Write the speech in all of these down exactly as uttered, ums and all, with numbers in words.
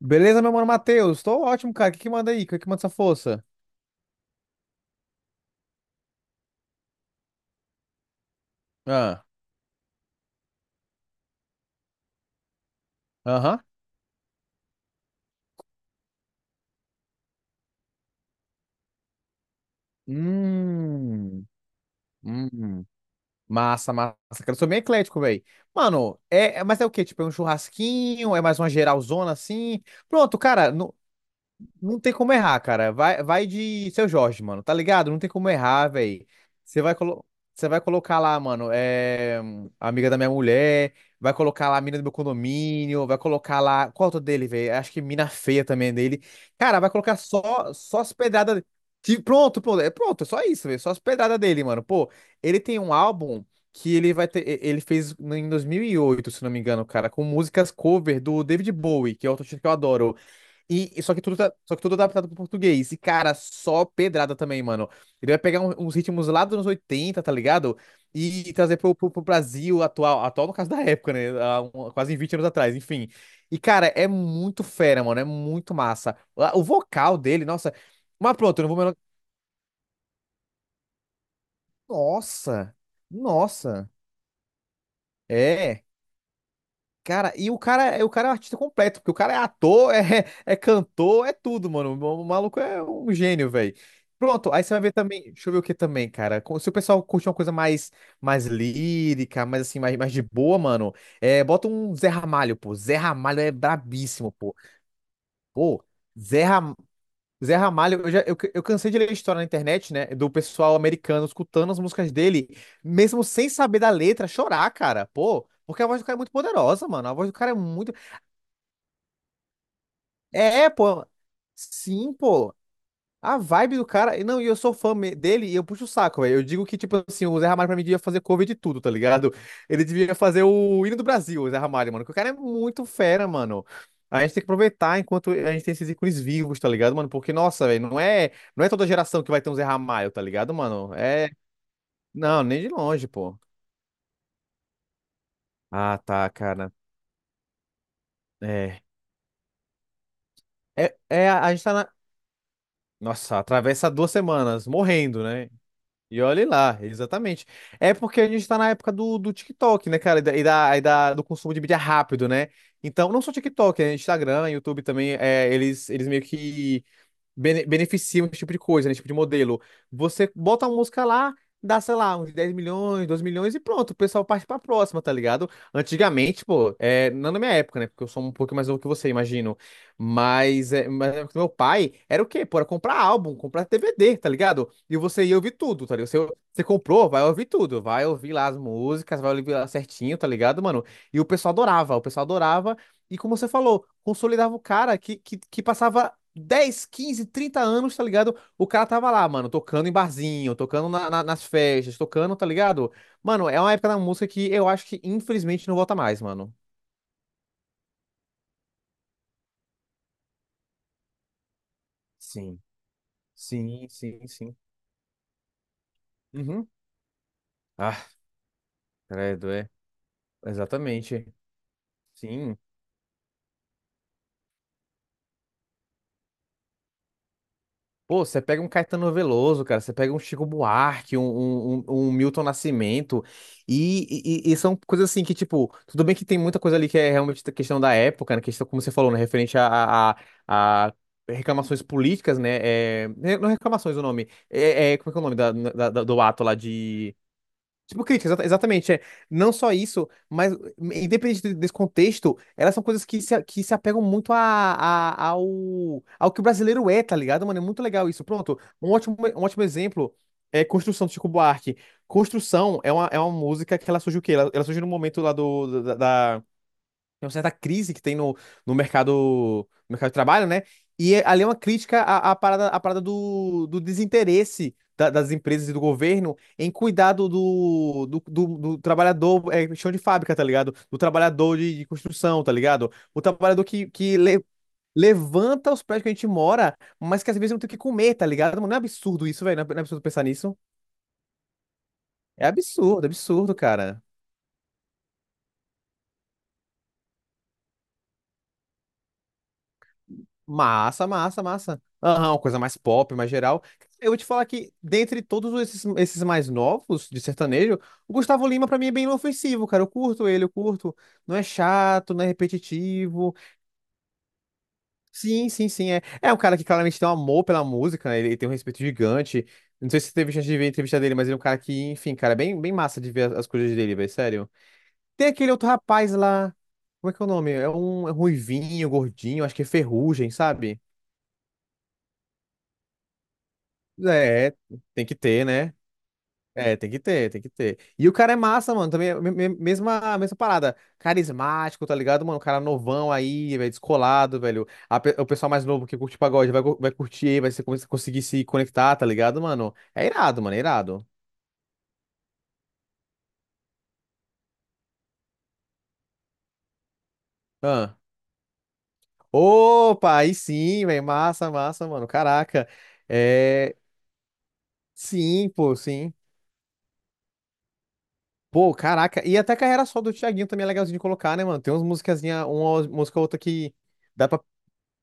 Beleza, meu mano Matheus? Tô ótimo, cara. O que que manda aí? O que que manda essa força? Ah, aham. Hum, hum. Massa, massa. Cara, eu sou bem eclético, velho. Mano, é, é- mas é o quê? Tipo, é um churrasquinho? É mais uma geralzona assim? Pronto, cara. no- Não tem como errar, cara. Vai, vai de Seu Jorge, mano. Tá ligado? Não tem como errar, velho. Você vai, colo... Você vai colocar lá, mano, é... amiga da minha mulher, vai colocar lá a mina do meu condomínio, vai colocar lá. Qual é o outro dele, velho? Acho que mina feia também é dele. Cara, vai colocar só, só as pedradas. Que Pronto, pronto. É pronto, é só isso, velho. Só as pedradas dele, mano. Pô, ele tem um álbum que ele vai ter. e- Ele fez em dois mil e oito, se não me engano, cara, com músicas cover do David Bowie, que é outro artista que eu adoro. E, e só que tudo tá- só que tudo adaptado pro português. E, cara, só pedrada também, mano. Ele vai pegar um- uns ritmos lá dos anos oitenta, tá ligado? E trazer pro, pro, pro Brasil atual, atual no caso da época, né? Há um- quase vinte anos atrás, enfim. E, cara, é muito fera, mano. É muito massa. O o vocal dele, nossa. Mas pronto, eu não vou me alongar. Nossa! Nossa! É. Cara, e o cara, é, o cara é um artista completo, porque o cara é ator, é, é cantor, é tudo, mano. O maluco é um gênio, velho. Pronto, aí você vai ver também. Deixa eu ver o que também, cara. Co- Se o pessoal curte uma coisa mais, mais lírica, mais assim, mais, mais de boa, mano, é, bota um Zé Ramalho, pô. Zé Ramalho é brabíssimo, pô. Pô, Zé, Ram... Zé Ramalho, eu, já, eu, eu cansei de ler história na internet, né? Do pessoal americano escutando as músicas dele, mesmo sem saber da letra, chorar, cara. Pô, porque a voz do cara é muito poderosa, mano. A voz do cara é muito... É, pô. Sim, pô. A vibe do cara. e Não, e eu sou fã me- dele e eu puxo o saco, velho. Eu digo que, tipo assim, o Zé Ramalho pra mim devia fazer cover de tudo, tá ligado? Ele devia fazer o hino do Brasil, o Zé Ramalho, mano. Que o cara é muito fera, mano. A gente tem que aproveitar enquanto a gente tem esses ícones vivos, tá ligado, mano? Porque, nossa, velho, não é, não é toda geração que vai ter um Zé Ramalho, tá ligado, mano? É. Não, nem de longe, pô. Ah, tá, cara. É. É, é a a gente tá na... Nossa, atravessa duas semanas morrendo, né? E olhe lá, exatamente. É porque a gente tá na época do, do TikTok, né, cara? E da, e da, e da- do consumo de mídia rápido, né? Então, não só TikTok, né? Instagram, YouTube também, é, eles, eles meio que bene- beneficiam esse tipo de coisa, né? Esse tipo de modelo. Você bota uma música lá, dá, sei lá, uns dez milhões, doze milhões e pronto, o pessoal parte pra próxima, tá ligado? Antigamente, pô, é, não na minha época, né? Porque eu sou um pouco mais novo que você, imagino. Mas, é, mas na época do meu pai era o quê? Pô, era comprar álbum, comprar D V D, tá ligado? E você ia ouvir tudo, tá ligado? Você, você comprou, vai ouvir tudo, vai ouvir lá as músicas, vai ouvir lá certinho, tá ligado, mano? E o pessoal adorava, o pessoal adorava. E como você falou, consolidava o cara que, que, que passava dez, quinze, trinta anos, tá ligado? O cara tava lá, mano, tocando em barzinho, tocando na- na- nas festas, tocando, tá ligado? Mano, é uma época da música que eu acho que infelizmente não volta mais, mano. Sim, sim, sim, sim. Uhum. Ah, credo, é. Exatamente. Sim. Pô, você pega um Caetano Veloso, cara, você pega um Chico Buarque, um, um, um- um Milton Nascimento, e, e- e são coisas assim que, tipo, tudo bem que tem muita coisa ali que é realmente da questão da época, né? Questão, como você falou, né? Referente a, a, a- a reclamações políticas, né? É, né, não é reclamações o nome. É, é- como é que é o nome da- da- da- do ato lá... Tipo, crítica, exata- exatamente. É. Não só isso, mas independente de- desse contexto, elas são coisas que se, que se apegam muito a, a- ao, ao que o brasileiro é, tá ligado, mano? É muito legal isso. Pronto, um ótimo, um ótimo exemplo é Construção do Chico Buarque. Construção é uma, é uma música que ela surge o quê? Ela, ela surge no momento lá do, da, da- tem uma certa crise que tem no, no mercado, no mercado de trabalho, né? E é- ali é uma crítica à, à parada, à parada do, do desinteresse da- das empresas e do governo em cuidar do, do, do, do- do trabalhador, é, chão de fábrica, tá ligado? Do trabalhador de, de construção, tá ligado? O trabalhador que, que le- levanta os prédios que a gente mora, mas que às vezes não tem o que comer, tá ligado? Mano, não é absurdo isso, velho? Não é não é absurdo pensar nisso? É absurdo, absurdo, cara. Massa, massa, massa. Aham, uma coisa mais pop, mais geral. Eu vou te falar que, dentre todos esses, esses mais novos de sertanejo, o Gustavo Lima, pra mim, é bem inofensivo, cara. Eu curto ele, eu curto. Não é chato, não é repetitivo. Sim, sim, sim. É, é um cara que claramente tem um amor pela música, né? Ele tem um respeito gigante. Não sei se você teve chance de ver a entrevista dele, mas ele é um cara que, enfim, cara, é bem, bem massa de ver as as coisas dele, velho, sério. Tem aquele outro rapaz lá. Como é que é o nome? É um é ruivinho, gordinho, acho que é Ferrugem, sabe? É, tem que ter, né? É, tem que ter, tem que ter. E o cara é massa, mano. Também, é me- me- mesma, mesma parada. Carismático, tá ligado, mano? O cara novão aí, velho, descolado, velho. A pe- o pessoal mais novo que curte pagode vai, cu- vai curtir, vai se, conseguir se conectar, tá ligado, mano? É irado, mano, é irado. Ah. Opa, aí sim, velho. Massa, massa, mano. Caraca. É. Sim, pô, sim. Pô, caraca. E até a carreira só do Thiaguinho também é legalzinho de colocar, né, mano? Tem umas musicazinhas, uma música ou outra que... Dá pra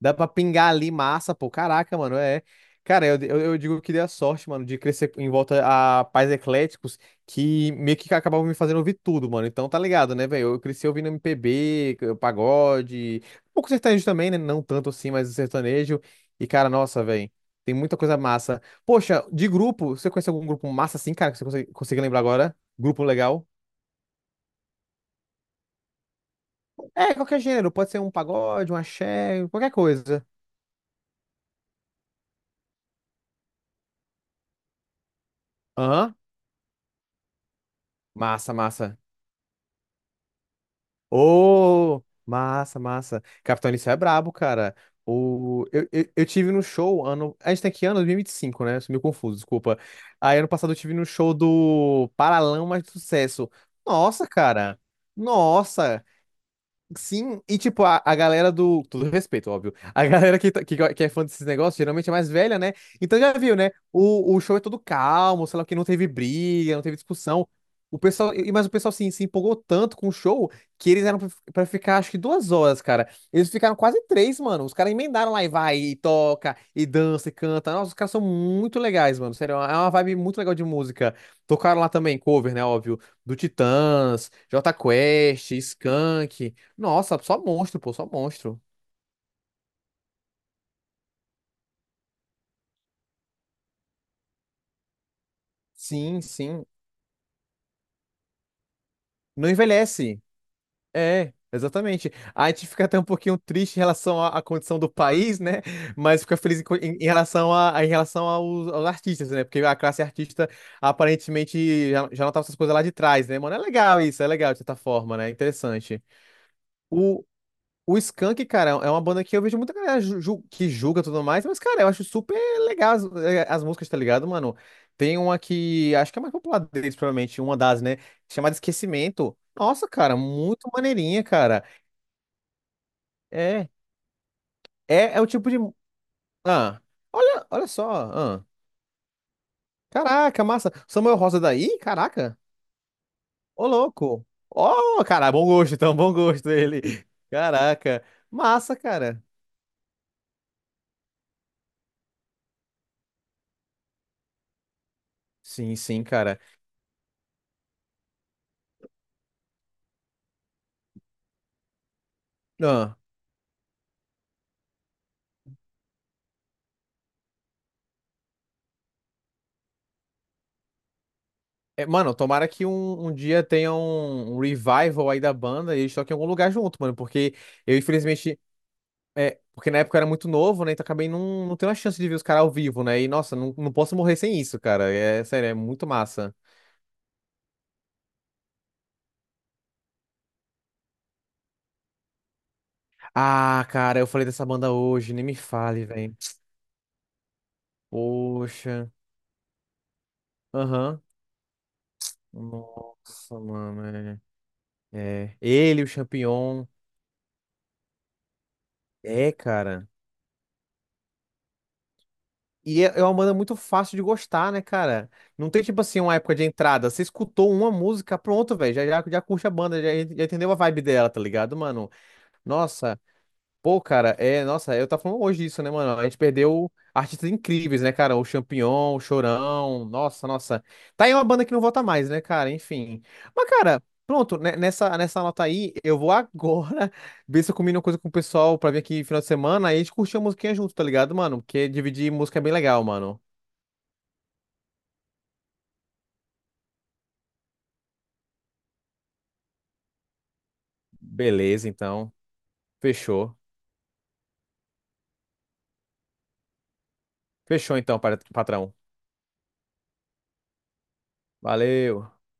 Dá pra pingar ali massa, pô. Caraca, mano, é. Cara, eu, eu, eu digo que dei a sorte, mano, de crescer em volta a pais ecléticos que meio que acabavam me fazendo ouvir tudo, mano. Então tá ligado, né, velho? Eu cresci ouvindo M P B, pagode, um pouco sertanejo também, né? Não tanto assim, mas sertanejo. E, cara, nossa, velho, tem muita coisa massa. Poxa, de grupo, você conhece algum grupo massa assim, cara, que você consegue, consegue lembrar agora? Grupo legal? É, qualquer gênero, pode ser um pagode, um axé, qualquer coisa. Aham, massa, massa. Ô, massa, massa. Capitão Inicial é brabo, cara. O... Eu, eu, eu tive no show ano... A gente tem que ano, dois mil e e vinte e cinco, né? Eu sou meio confuso, desculpa. Aí ano passado eu tive no show do Paralamas do Sucesso. Nossa, cara. Nossa. Sim, e tipo, a, a galera do... Todo respeito, óbvio. A galera que, tá- que, go- que é fã desses negócios geralmente é mais velha, né? Então já viu, né? O, o show é todo calmo, sei lá, que não teve briga, não teve discussão. O pessoal, e- mas o pessoal assim, se empolgou tanto com o show que eles eram pra pra ficar acho que duas horas, cara. Eles ficaram quase três, mano. Os caras emendaram lá e vai, e toca, e dança, e canta. Nossa, os caras são muito legais, mano. Sério, é uma vibe muito legal de música. Tocaram lá também cover, né? Óbvio, do Titãs, Jota Quest, Skank. Nossa, só monstro, pô, só monstro. Sim, sim. Não envelhece. É, exatamente. A gente fica até um pouquinho triste em relação à, à condição do país, né? Mas fica feliz em, co- em- em relação a, a- em relação aos, aos artistas, né? Porque a classe artista aparentemente já, já notava essas coisas lá de trás, né? Mano, é legal isso, é legal de certa forma, né? Interessante. O Skank, cara, é uma banda que eu vejo muita galera ju- ju- que julga e tudo mais, mas, cara, eu acho super legal as, eh, as músicas, tá ligado, mano? Tem uma que acho que é a mais popular deles, provavelmente, uma das, né? Chamada Esquecimento. Nossa, cara, muito maneirinha, cara. É, é, é o tipo de... mu- Ah, olha, olha só. Ah. Caraca, massa. Samuel Rosa daí? Caraca. Ô, louco. Ó, cara, bom gosto, então, bom gosto ele. Caraca. Massa, cara. Sim, sim, cara. É, mano, tomara que um, um dia tenha um, um revival aí da banda e eles toquem em algum lugar junto, mano, porque eu infelizmente... É, porque na época eu era muito novo, né? Então acabei não, não tendo a chance de ver os caras ao vivo, né? E nossa, não, não posso morrer sem isso, cara. É sério, é muito massa. Ah, cara, eu falei dessa banda hoje, nem me fale, velho. Poxa. Aham. Nossa, mano. É. É. Ele, o Champignon. É, cara. E é é uma banda muito fácil de gostar, né, cara? Não tem, tipo assim, uma época de entrada. Você escutou uma música, pronto, velho. Já, já, já curte a banda, já, já entendeu a vibe dela, tá ligado, mano? Nossa, pô, cara, é. Nossa, eu tava falando hoje isso, né, mano? A gente perdeu artistas incríveis, né, cara? O Champignon, o Chorão. Nossa, nossa. Tá aí uma banda que não volta mais, né, cara? Enfim. Mas, cara. Pronto, né, nessa, nessa nota aí, eu vou agora ver se eu combino uma coisa com o pessoal pra vir aqui final de semana e a gente curtir a musiquinha junto, tá ligado, mano? Porque dividir música é bem legal, mano. Beleza, então. Fechou. Fechou então, pat- patrão. Valeu.